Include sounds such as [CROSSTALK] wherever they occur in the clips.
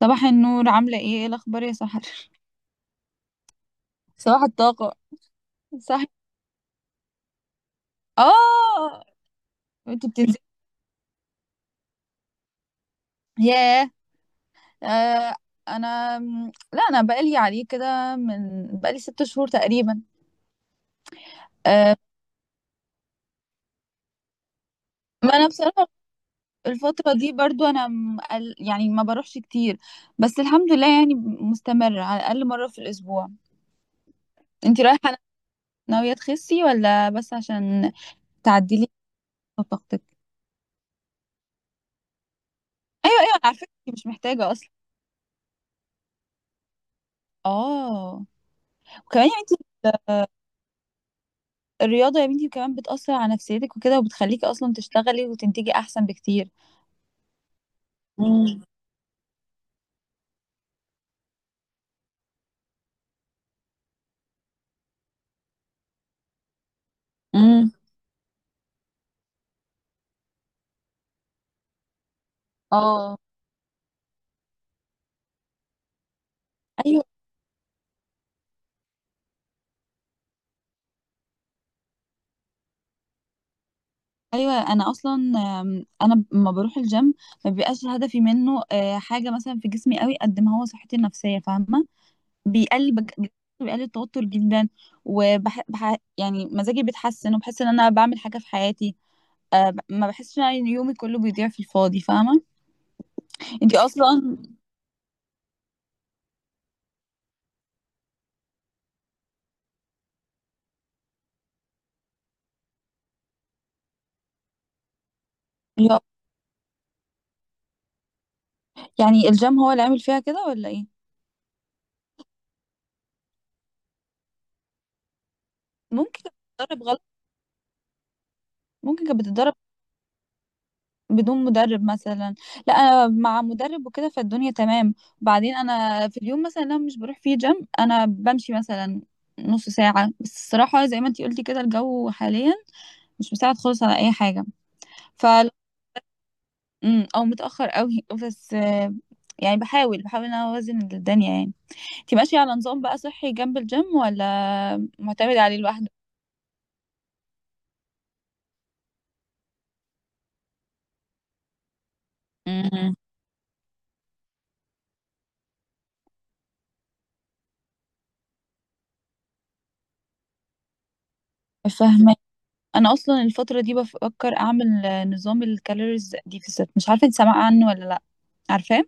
صباح النور، عاملة ايه الأخبار يا سحر؟ [LAUGHS] صباح الطاقة. صح. اه. انت بتنزلي؟ ياه. آه، انا لا، انا بقالي عليه كده، من بقالي 6 شهور تقريبا. آه. ما انا بصراحة الفترة دي برضو انا يعني ما بروحش كتير، بس الحمد لله يعني مستمرة على الأقل مرة في الأسبوع. انت رايحة ناوية تخسي، ولا بس عشان تعدلي طاقتك؟ ايوه، على فكرة انت مش محتاجة اصلا. اه. وكمان يعني الرياضة يا بنتي كمان بتأثر على نفسيتك وكده، وبتخليكي أصلا تشتغلي وتنتجي أحسن بكتير. امم امم. اه. ايوه ايوه. انا اصلا انا لما بروح الجيم ما بيبقاش هدفي منه حاجه مثلا في جسمي قوي، قد ما هو صحتي النفسيه، فاهمه؟ بيقلل بج... بيقلل التوتر جدا، يعني مزاجي بيتحسن، وبحس ان انا بعمل حاجه في حياتي. ما بحسش ان يومي كله بيضيع في الفاضي، فاهمه؟ انتي اصلا يا- يعني الجيم هو اللي عامل فيها كده، ولا ايه؟ ممكن تجرب. ممكن كانت بتتدرب بدون مدرب مثلا. لا انا مع مدرب وكده، فالدنيا تمام. وبعدين انا في اليوم مثلا لو مش بروح فيه جيم انا بمشي مثلا نص ساعة بس. الصراحة زي ما انتي قلتي كده الجو حاليا مش مساعد خالص على اي حاجة. ف او متأخر قوي. [LAUGHS] بس يعني بحاول ان انا اوازن الدنيا يعني. انتي ماشية على نظام بقى صحي جنب الجيم، ولا معتمد عليه لوحده؟ امم. انا اصلا الفتره دي بفكر اعمل نظام الكالوريز ديفيسيت، مش عارفه انت سامعه عنه ولا لا. عارفاه.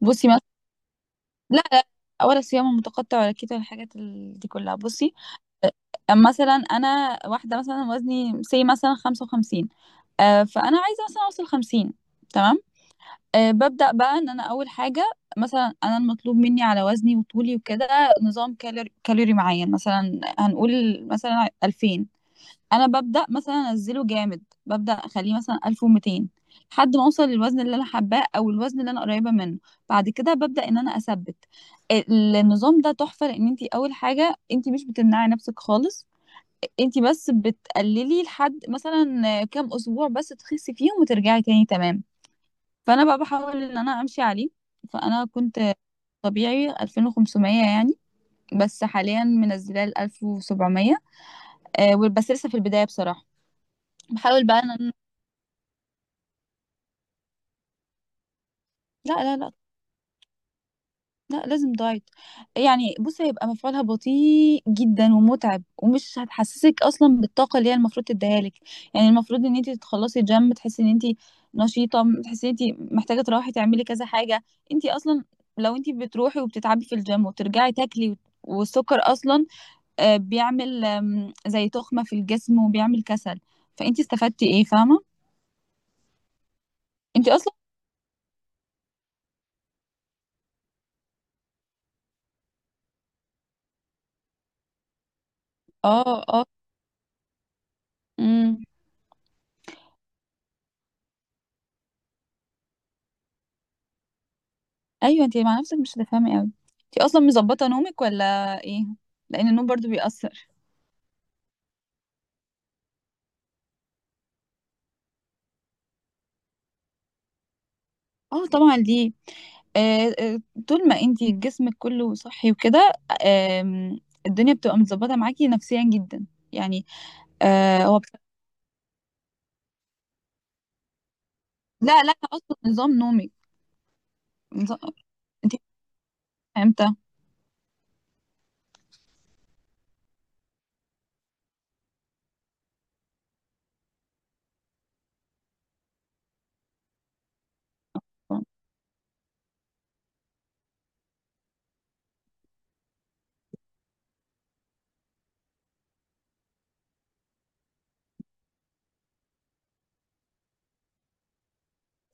بصي مثلا. لا لا، ولا صيام متقطع ولا كده الحاجات دي كلها. بصي مثلا انا واحده مثلا وزني مثلا 55، فانا عايزه مثلا اوصل 50، تمام؟ ببدا بقى ان انا اول حاجه مثلا انا المطلوب مني على وزني وطولي وكده نظام كالوري معين، مثلا هنقول مثلا 2000. انا ببدا مثلا انزله جامد، ببدا اخليه مثلا 1200 لحد ما اوصل للوزن اللي انا حباه او الوزن اللي انا قريبه منه. بعد كده ببدا ان انا اثبت. النظام ده تحفه، لان انت اول حاجه انت مش بتمنعي نفسك خالص، انت بس بتقللي لحد مثلا كام اسبوع بس تخسي فيهم وترجعي تاني، تمام؟ فانا بقى بحاول ان انا امشي عليه. فانا كنت طبيعي 2500 يعني، بس حاليا منزلاه ل 1700. بس لسه في البدايه بصراحه. بحاول بقى ان. لا لا، لازم دايت. يعني بص هيبقى مفعولها بطيء جدا ومتعب، ومش هتحسسك اصلا بالطاقه اللي هي المفروض تديها لك. يعني المفروض ان انت تخلصي جيم تحسي ان انت نشيطه، تحسي ان انت محتاجه تروحي تعملي كذا حاجه. انت اصلا لو انت بتروحي وبتتعبي في الجيم وترجعي والسكر اصلا بيعمل زي تخمه في الجسم وبيعمل كسل، فانت استفدتي ايه؟ فاهمه؟ انت اصلا. اه اه. إمم. ايوه، انتي مع نفسك مش هتفهمي قوي. انتي اصلا مظبطه نومك ولا ايه؟ لان النوم برضو بيأثر. اه طبعا ليه. آه آه، طول ما انتي جسمك كله صحي وكده آم، الدنيا بتبقى متظبطه معاكي نفسيا جدا يعني. آه هو بت... لا لا، اصلا نظام نومك. نظام. انتي بتصحي امتى؟ بس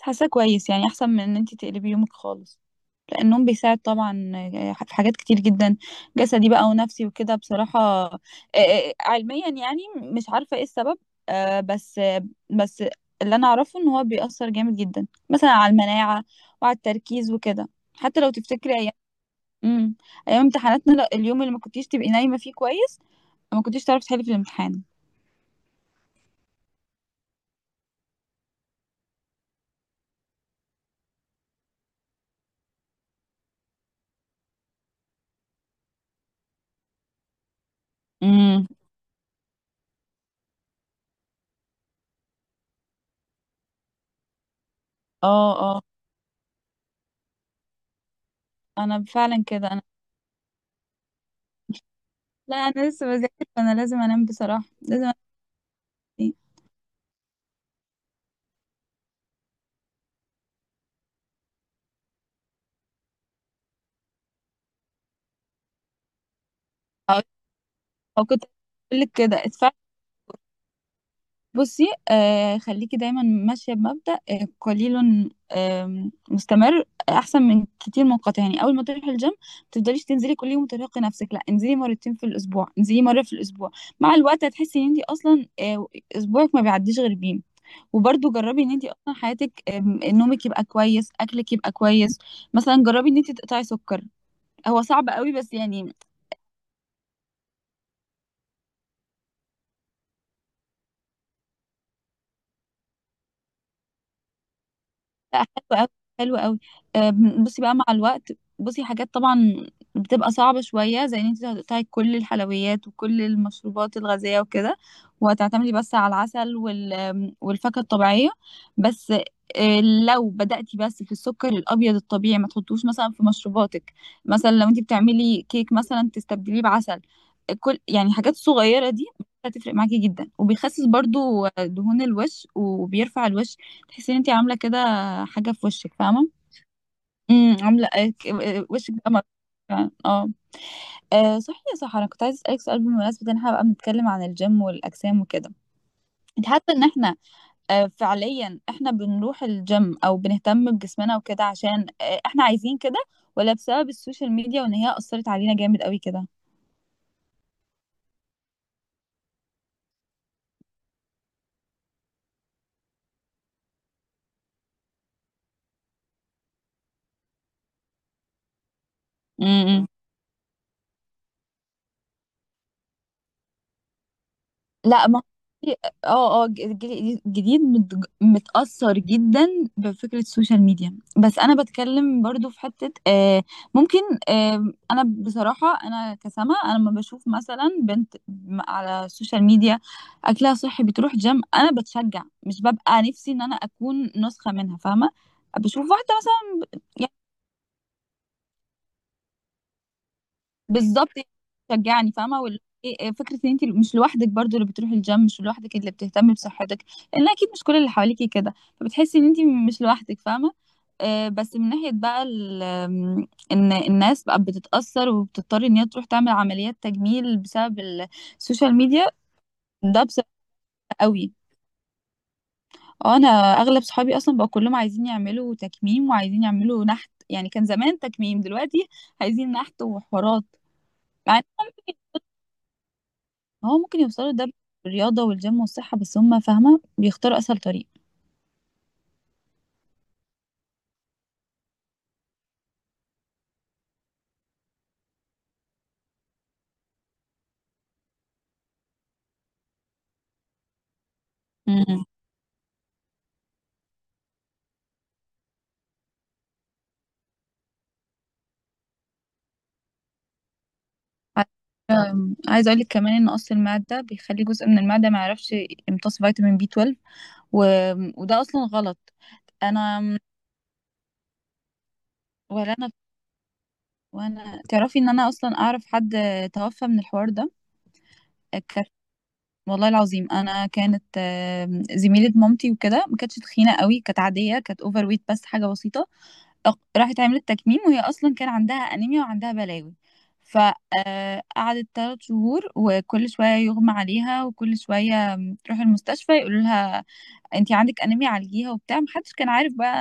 حاسه كويس يعني، احسن من ان انتي تقلبي يومك خالص. النوم بيساعد طبعا في حاجات كتير جدا، جسدي بقى ونفسي وكده. بصراحة علميا يعني مش عارفة ايه السبب، آه، بس آه، بس اللي انا اعرفه ان هو بيأثر جامد جدا مثلا على المناعة وعلى التركيز وكده. حتى لو تفتكري ايام. امم. ايام امتحاناتنا، لا، اليوم اللي ما كنتيش تبقي نايمة فيه كويس ما كنتيش تعرفي تحلي في الامتحان. امم. اه اه. انا فعلا كده انا. لا انا لسه بذاكر، فانا لازم انام بصراحة، لازم انام. او أو كنت اقول لك كده. بصي آه، خليكي دايما ماشية بمبدأ آه قليل آه مستمر، أحسن من كتير منقطع. يعني أول ما تروحي الجيم ما تفضليش تنزلي كل يوم وترهقي نفسك، لا، انزلي مرتين في الأسبوع، انزلي مرة في الأسبوع. مع الوقت هتحسي إن انتي أصلا أسبوعك ما بيعديش غير بيه. وبرضه جربي إن انتي أصلا حياتك نومك يبقى كويس، أكلك يبقى كويس. مثلا جربي إن انتي تقطعي سكر. هو صعب قوي بس يعني. لا، حلو قوي، حلو قوي. آه، بصي بقى مع الوقت. بصي حاجات طبعا بتبقى صعبة شوية، زي ان انت هتقطعي كل الحلويات وكل المشروبات الغازية وكده، وهتعتمدي بس على العسل والفاكهة الطبيعية. بس لو بدأتي بس في السكر الأبيض الطبيعي ما تحطوش مثلا في مشروباتك، مثلا لو انت بتعملي كيك مثلا تستبدليه بعسل، كل يعني حاجات صغيرة دي هتفرق معاكي جدا. وبيخسس برضو دهون الوش وبيرفع الوش، تحسي ان انت عامله كده حاجه في وشك، فاهمه؟ امم. عامله ايه وشك بقى فعلا. اه. صحيح يا سحر، انا كنت عايزه اسالك سؤال بمناسبه ان احنا بقى بنتكلم عن الجيم والاجسام وكده. انت حاسه ان احنا فعليا احنا بنروح الجيم او بنهتم بجسمنا وكده عشان احنا عايزين كده، ولا بسبب السوشيال ميديا وان هي اثرت علينا جامد قوي كده؟ امم. لا، ما في- اه اه، الجيل الجديد متأثر جدا بفكرة السوشيال ميديا، بس انا بتكلم برضو في حتة آه ممكن. آه انا بصراحة انا كسما انا لما بشوف مثلا بنت على السوشيال ميديا اكلها صحي بتروح جيم، انا بتشجع، مش ببقى نفسي ان انا اكون نسخة منها، فاهمة؟ بشوف واحدة مثلا. بالظبط، شجعني فاهمه، إيه فكره ان انت مش لوحدك، برضو اللي بتروحي الجيم مش لوحدك، اللي بتهتمي بصحتك لان اكيد مش كل اللي حواليكي كده، فبتحسي ان انت مش لوحدك، فاهمه؟ بس من ناحيه بقى ال... آم، ان الناس بقى بتتاثر وبتضطر ان هي تروح تعمل عمليات تجميل بسبب السوشيال ميديا، ده بصراحه قوي. اه، انا اغلب صحابي اصلا بقى كلهم عايزين يعملوا تكميم وعايزين يعملوا نحت، يعني كان زمان تكميم، دلوقتي عايزين نحت وحوارات. هو ممكن يوصلوا ده بالرياضة والجيم والصحة، بس هم فاهمة بيختاروا أسهل طريق. امم. عايزة أقولك كمان إن قص المعدة بيخلي جزء من المعدة ما يعرفش يمتص فيتامين بي 12 و... وده أصلا غلط. أنا، ولا أنا. تعرفي إن أنا أصلا أعرف حد توفى من الحوار ده. كانت، والله العظيم أنا كانت زميلة مامتي وكده، ما كانتش تخينة قوي، كانت عادية كانت أوفر ويت بس، حاجة بسيطة. راحت عملت تكميم، وهي اصلا كان عندها انيميا وعندها بلاوي. فقعدت 3 شهور، وكل شويه يغمى عليها، وكل شويه تروح المستشفى يقولوا لها انت عندك انيميا عالجيها وبتاع، محدش كان عارف بقى،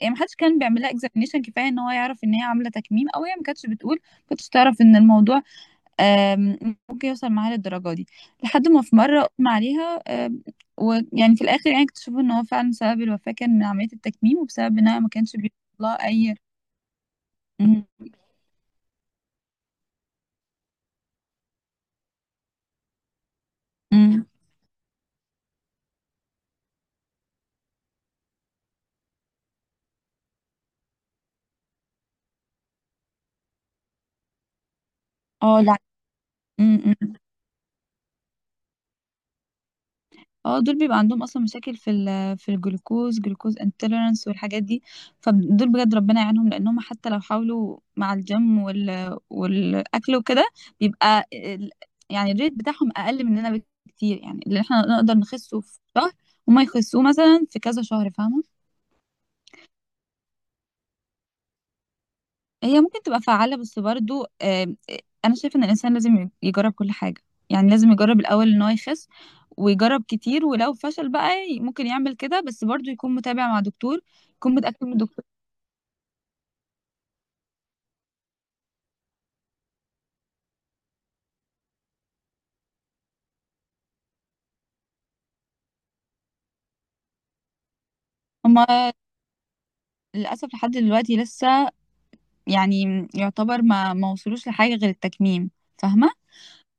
يعني محدش كان بيعمل لها اكزامينيشن كفايه ان هو يعرف ان هي عامله تكميم، او هي ما كانتش بتقول، ما كانتش تعرف ان الموضوع آم، ممكن يوصل معاها للدرجه دي. لحد ما في مره اغمى عليها آم، ويعني في الاخر يعني اكتشفوا ان هو فعلا سبب الوفاه كان من عمليه التكميم، وبسبب انها ما كانش بيطلع اي. امم امم. اه. لا. امم. اه، دول بيبقى عندهم اصلا مشاكل في ال في الجلوكوز، جلوكوز انتوليرانس والحاجات دي. فدول بجد ربنا يعينهم، لانهم حتى لو حاولوا مع الجيم والاكل وكده، بيبقى ال- يعني الريت بتاعهم اقل مننا بكتير. يعني اللي احنا نقدر نخسه في شهر، هما يخسوه مثلا في كذا شهر، فاهمة؟ هي ممكن تبقى فعالة بس برضو أنا شايفة إن الإنسان لازم يجرب كل حاجة. يعني لازم يجرب الأول إن هو يخس، ويجرب كتير، ولو فشل بقى ممكن يعمل كده، بس برضو يكون متابع مع دكتور، يكون متأكد من الدكتور. هما للأسف لحد دلوقتي لسه يعني يعتبر ما وصلوش لحاجة غير التكميم، فاهمة؟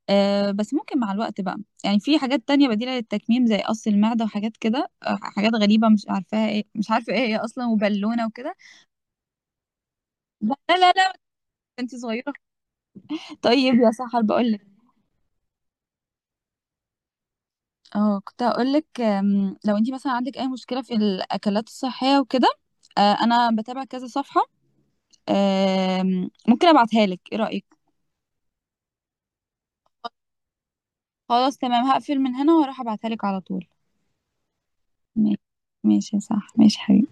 أه، بس ممكن مع الوقت بقى يعني في حاجات تانية بديلة للتكميم، زي قص المعدة وحاجات كده حاجات غريبة مش عارفاها ايه، مش عارفة ايه هي أصلا، وبالونة وكده. لا، انت صغيرة. طيب يا سحر بقول لك، اه كنت هقول لك، لو انت مثلا عندك اي مشكله في الاكلات الصحيه وكده انا بتابع كذا صفحه ممكن ابعتها لك، ايه رايك؟ خلاص تمام، هقفل من هنا واروح ابعتها لك على طول. ماشي. ماشي يا سحر، ماشي حبيبي.